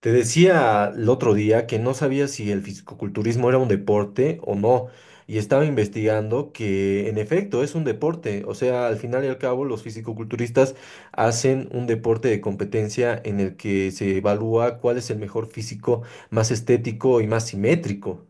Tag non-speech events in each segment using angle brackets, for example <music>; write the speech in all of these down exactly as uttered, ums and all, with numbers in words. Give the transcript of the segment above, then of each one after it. Te decía el otro día que no sabía si el fisicoculturismo era un deporte o no, y estaba investigando que en efecto es un deporte, o sea, al final y al cabo los fisicoculturistas hacen un deporte de competencia en el que se evalúa cuál es el mejor físico más estético y más simétrico.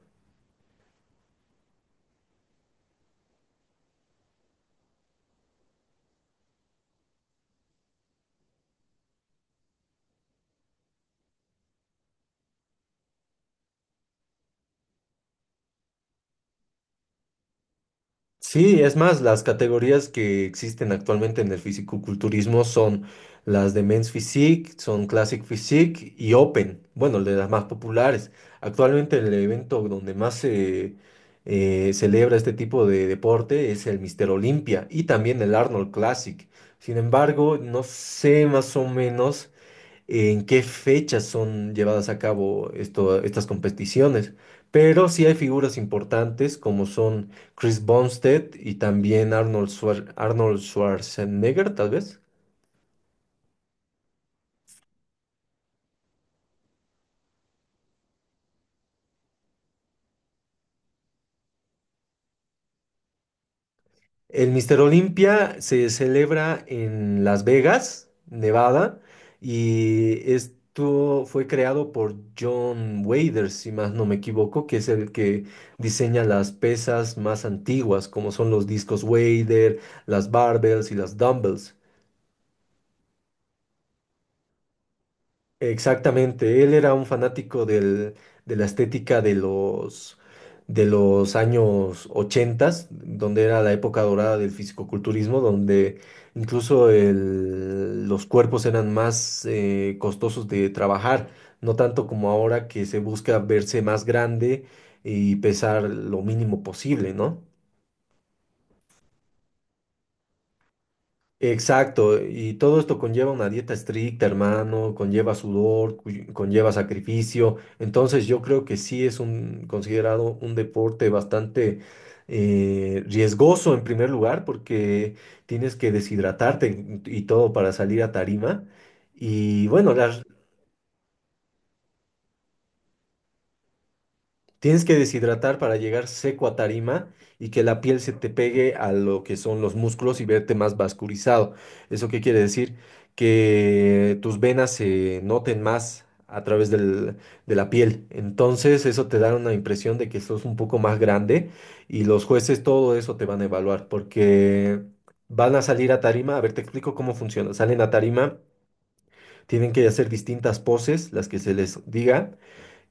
Sí, es más, las categorías que existen actualmente en el fisicoculturismo son las de Men's Physique, son Classic Physique y Open, bueno, de las más populares. Actualmente el evento donde más se eh, celebra este tipo de deporte es el Mister Olympia y también el Arnold Classic. Sin embargo, no sé más o menos en qué fechas son llevadas a cabo esto- estas competiciones. Pero sí hay figuras importantes como son Chris Bumstead y también Arnold Schwar- Arnold Schwarzenegger, tal vez. El Mister Olympia se celebra en Las Vegas, Nevada, y esto fue creado por John Wader, si más no me equivoco, que es el que diseña las pesas más antiguas, como son los discos Wader, las barbells y las dumbbells. Exactamente, él era un fanático del- de la estética de los, de los años ochentas, donde era la época dorada del fisicoculturismo, donde incluso el- los cuerpos eran más eh, costosos de trabajar, no tanto como ahora que se busca verse más grande y pesar lo mínimo posible, ¿no? Exacto, y todo esto conlleva una dieta estricta, hermano, conlleva sudor, cuy- conlleva sacrificio. Entonces yo creo que sí es un considerado un deporte bastante eh, riesgoso en primer lugar, porque tienes que deshidratarte y todo para salir a tarima. Y bueno, las. Tienes que deshidratar para llegar seco a tarima y que la piel se te pegue a lo que son los músculos y verte más vascularizado. ¿Eso qué quiere decir? Que tus venas se noten más a través del- de la piel. Entonces eso te da una impresión de que sos un poco más grande y los jueces todo eso te van a evaluar porque van a salir a tarima. A ver, te explico cómo funciona. Salen a tarima, tienen que hacer distintas poses, las que se les diga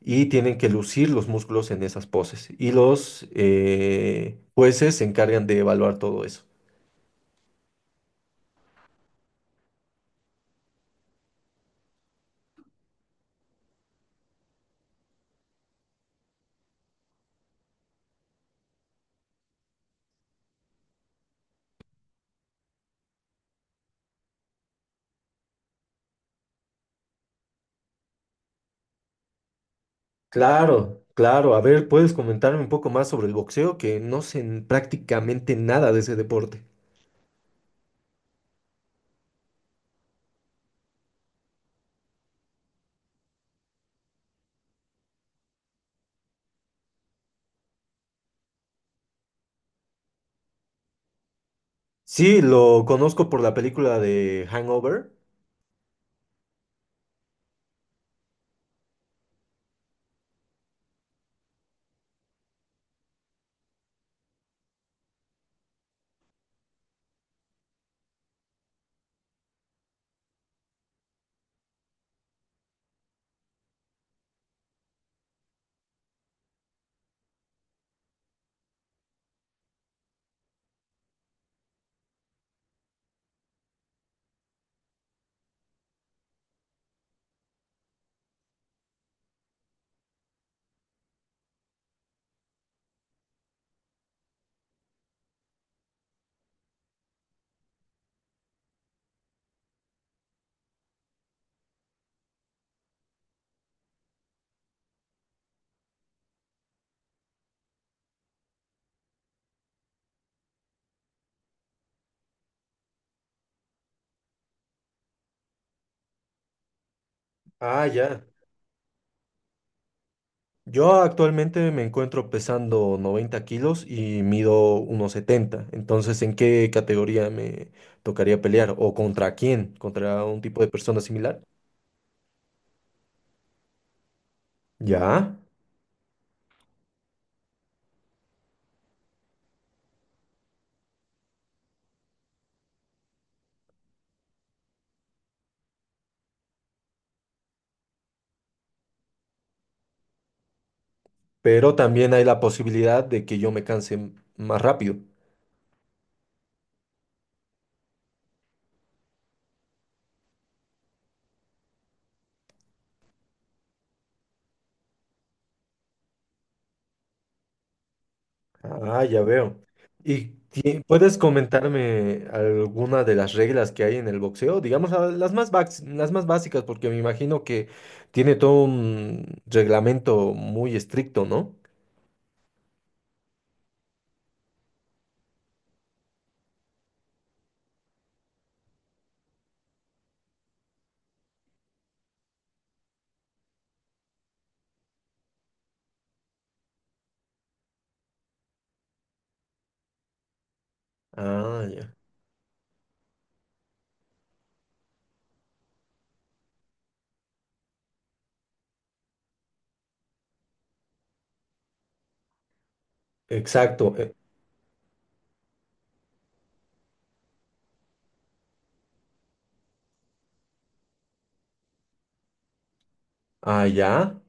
y tienen que lucir los músculos en esas poses. Y los eh, jueces se encargan de evaluar todo eso. Claro, claro. A ver, ¿puedes comentarme un poco más sobre el boxeo? Que no sé n- prácticamente nada de ese deporte. Sí, lo conozco por la película de Hangover. Ah, ya. Yo actualmente me encuentro pesando noventa kilos y mido uno setenta. Entonces, ¿en qué categoría me tocaría pelear? ¿O contra quién? ¿Contra un tipo de persona similar? Ya. Pero también hay la posibilidad de que yo me canse m- más rápido. Ah, ya veo. ¿Y ti- Puedes comentarme alguna de las reglas que hay en el boxeo? Digamos, a- las más, bax- las más básicas, porque me imagino que tiene todo un reglamento muy estricto, ¿no? Ah, ya. Exacto. eh, Ah, ya.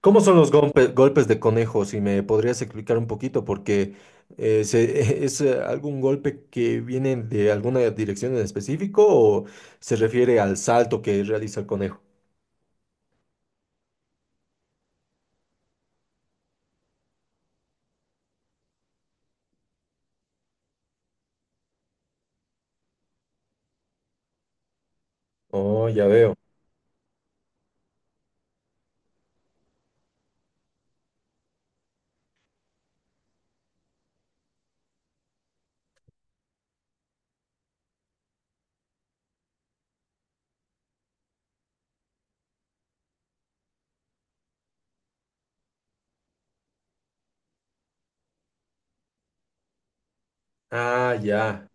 ¿Cómo son los golpe- golpes de conejo? Si me podrías explicar un poquito, porque eh, se- <laughs> ¿es eh, algún golpe que viene de alguna dirección en específico o se refiere al salto que realiza el conejo? Oh, ya veo. Ah, ya.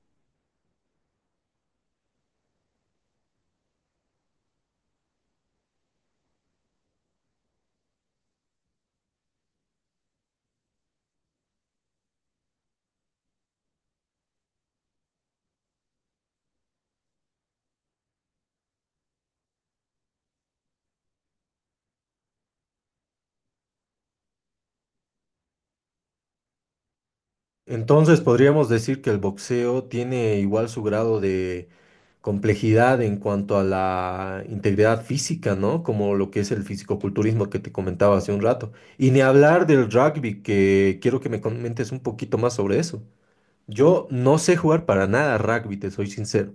Entonces podríamos decir que el boxeo tiene igual su grado de complejidad en cuanto a la integridad física, ¿no? Como lo que es el fisicoculturismo que te comentaba hace un rato. Y ni hablar del rugby, que quiero que me comentes un poquito más sobre eso. Yo no sé jugar para nada rugby, te soy sincero.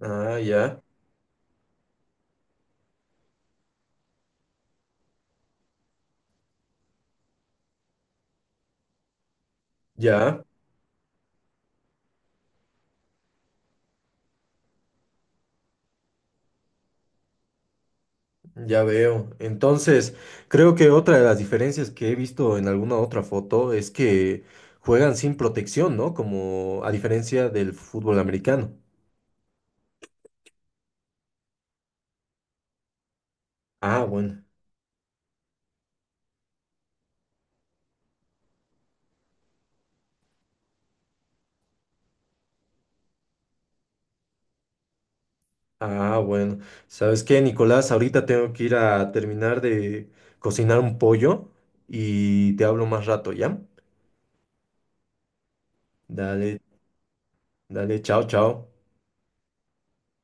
Ah, ya, ya, ya veo. Entonces, creo que otra de las diferencias que he visto en alguna otra foto es que juegan sin protección, ¿no? Como a diferencia del fútbol americano. Ah, bueno, ah, bueno. ¿Sabes qué, Nicolás? Ahorita tengo que ir a terminar de cocinar un pollo y te hablo más rato, ¿ya? Dale, dale, chao, chao.